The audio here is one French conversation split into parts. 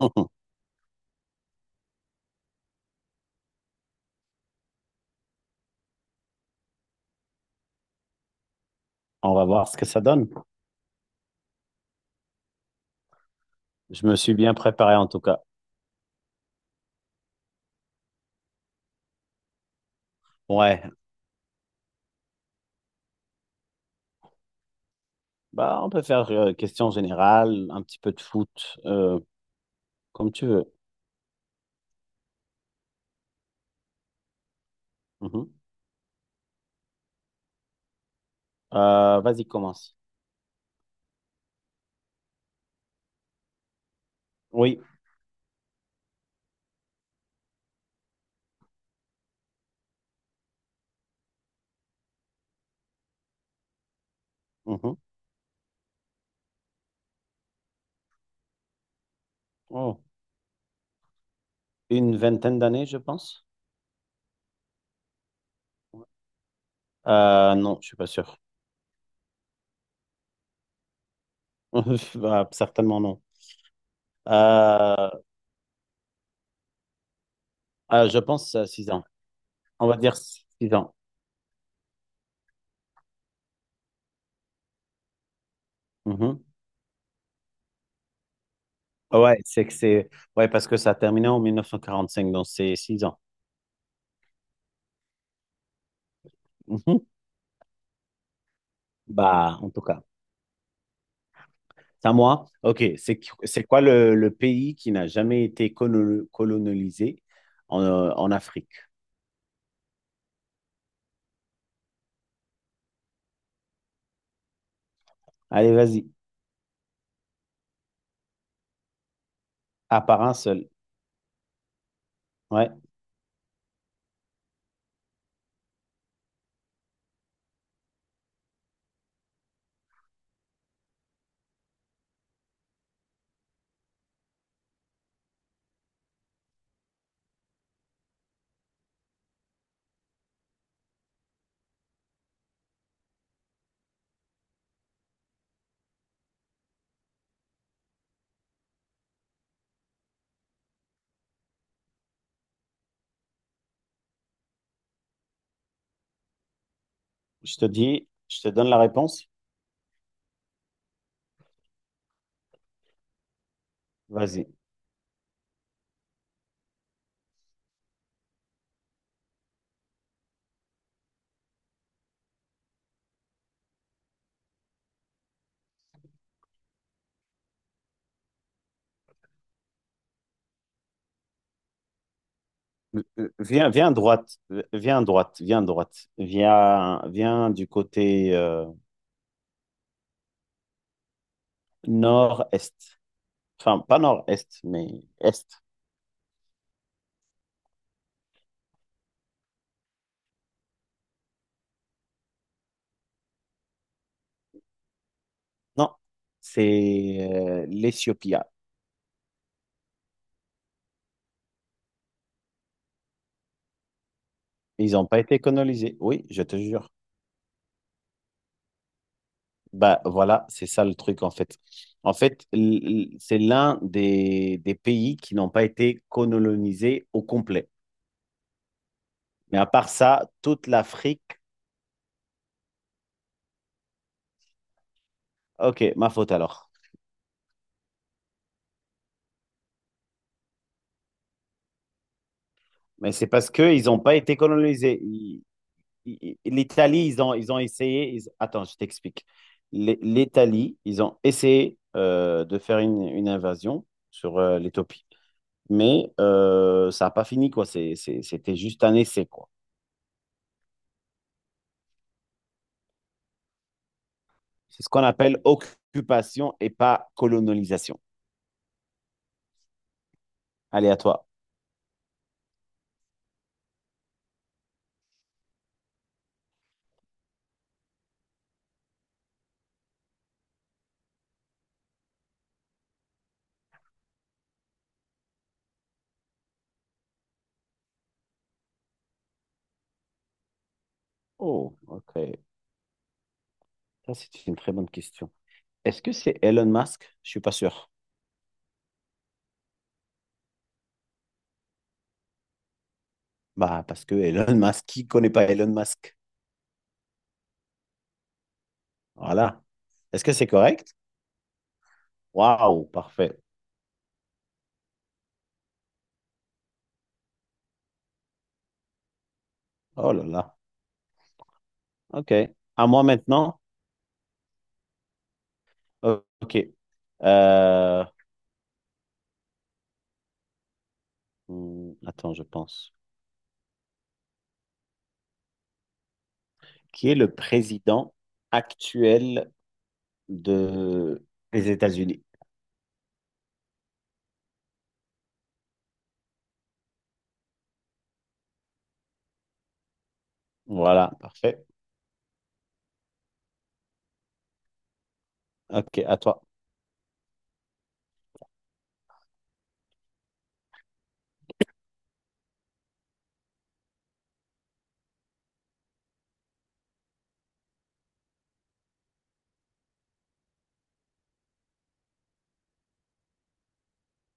On va voir ce que ça donne. Je me suis bien préparé en tout cas. Ouais, bah on peut faire question générale, un petit peu de foot, comme tu veux. Mhm. Vas-y, commence. Oui. Mhm. Oh. Une vingtaine d'années, je pense. Non, je suis pas sûr. Bah, certainement non. Euh, je pense 6 ans. On va dire 6 ans. Mhm. Ouais, c'est que c'est ouais parce que ça a terminé en 1945, donc c'est 6 ans. Mhm. Bah, en tout cas. C'est à moi? Ok. C'est quoi le pays qui n'a jamais été colonisé en Afrique? Allez, vas-y. À part un seul. Ouais. Je te dis, je te donne la réponse. Vas-y. Viens, viens à droite. Viens à droite. Viens à droite. Viens, viens du côté nord-est. Enfin, pas nord-est, mais est. Non. C'est l'Éthiopie. Ah, ils n'ont pas été colonisés. Oui, je te jure. Bah voilà, c'est ça le truc en fait. En fait, c'est l'un des pays qui n'ont pas été colonisés au complet. Mais à part ça, toute l'Afrique, ok, ma faute alors. Mais c'est parce qu'ils n'ont pas été colonisés. L'Italie, ils ont essayé. Attends, je t'explique. L'Italie, ils ont essayé de faire une invasion sur l'Éthiopie. Mais ça n'a pas fini, quoi. C'était juste un essai, quoi. C'est ce qu'on appelle occupation et pas colonisation. Allez, à toi. Oh, ok. Ça, c'est une très bonne question. Est-ce que c'est Elon Musk? Je suis pas sûr. Bah, parce que Elon Musk, qui connaît pas Elon Musk? Voilà. Est-ce que c'est correct? Waouh, parfait. Oh là là. Ok. À moi maintenant? Ok. Euh, Attends, je pense. Qui est le président actuel de... des États-Unis? Voilà, parfait. Ok, à toi.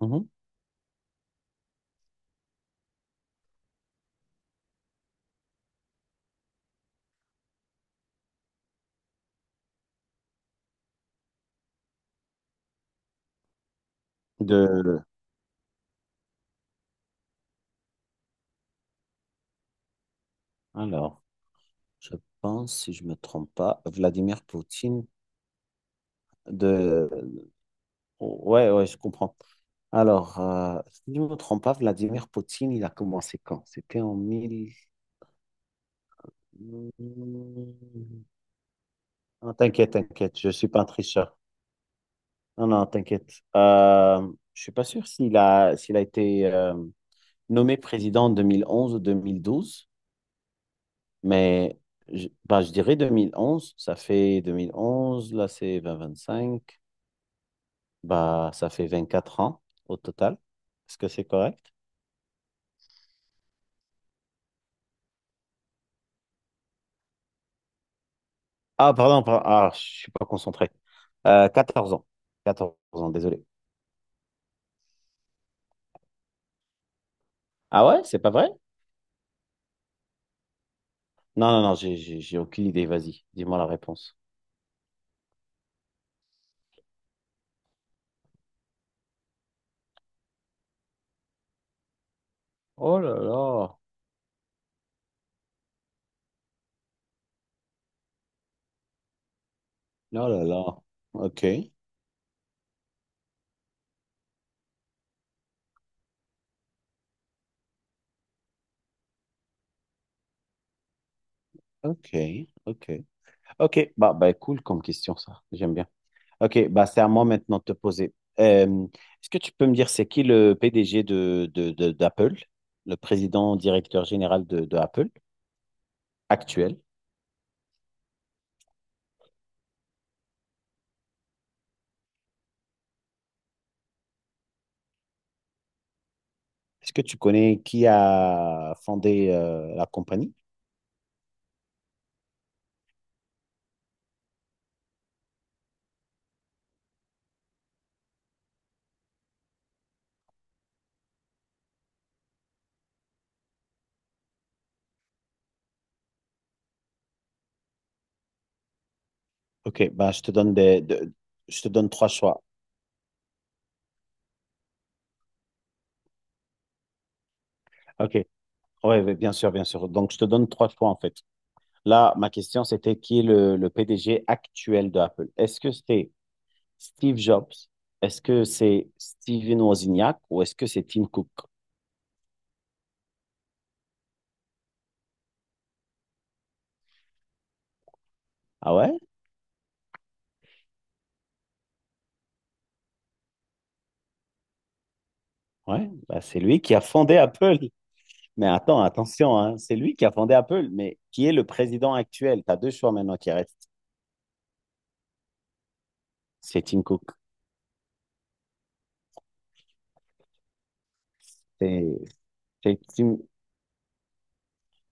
Mhm. de, alors, je pense, si je me trompe pas, Vladimir Poutine de, ouais, ouais, je comprends. Alors, si je me trompe pas, Vladimir Poutine, il a commencé quand? C'était en mille. Non, t'inquiète, t'inquiète, je suis pas un tricheur. Non, non, t'inquiète. Je suis pas sûr s'il a été nommé président en 2011 ou 2012, mais bah, je dirais 2011. Ça fait 2011, là c'est 2025. Bah, ça fait 24 ans au total. Est-ce que c'est correct? Ah, pardon, ah, je suis pas concentré. 14 ans. 14 ans, désolé. Ah ouais, c'est pas vrai? Non, non, non, j'ai aucune idée. Vas-y, dis-moi la réponse. Oh là là. Oh là là. Ok, ok, ok. Ok, bah cool comme question ça. J'aime bien. Ok, bah c'est à moi maintenant de te poser. Est-ce que tu peux me dire c'est qui le PDG d'Apple, le président directeur général de Apple actuel? Est-ce que tu connais qui a fondé la compagnie? Ok, bah, je te donne trois choix. Ok, ouais, ouais, bien sûr, bien sûr. Donc, je te donne trois choix en fait. Là, ma question, c'était qui est le PDG actuel de Apple? Est-ce que c'est Steve Jobs? Est-ce que c'est Steven Wozniak? Ou est-ce que c'est Tim Cook? Ah ouais? Ouais, bah, c'est lui qui a fondé Apple. Mais attends, attention, hein, c'est lui qui a fondé Apple, mais qui est le président actuel? Tu as deux choix maintenant qui restent. C'est Tim Cook. C'est c'est Tim...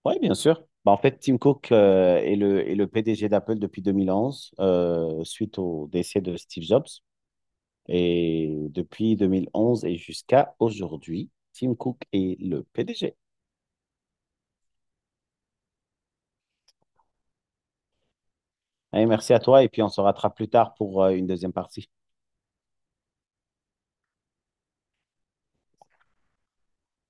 Oui, bien sûr. Bah, en fait, Tim Cook est le PDG d'Apple depuis 2011, suite au décès de Steve Jobs. Et depuis 2011 et jusqu'à aujourd'hui, Tim Cook est le PDG. Allez, merci à toi et puis on se rattrape plus tard pour une deuxième partie.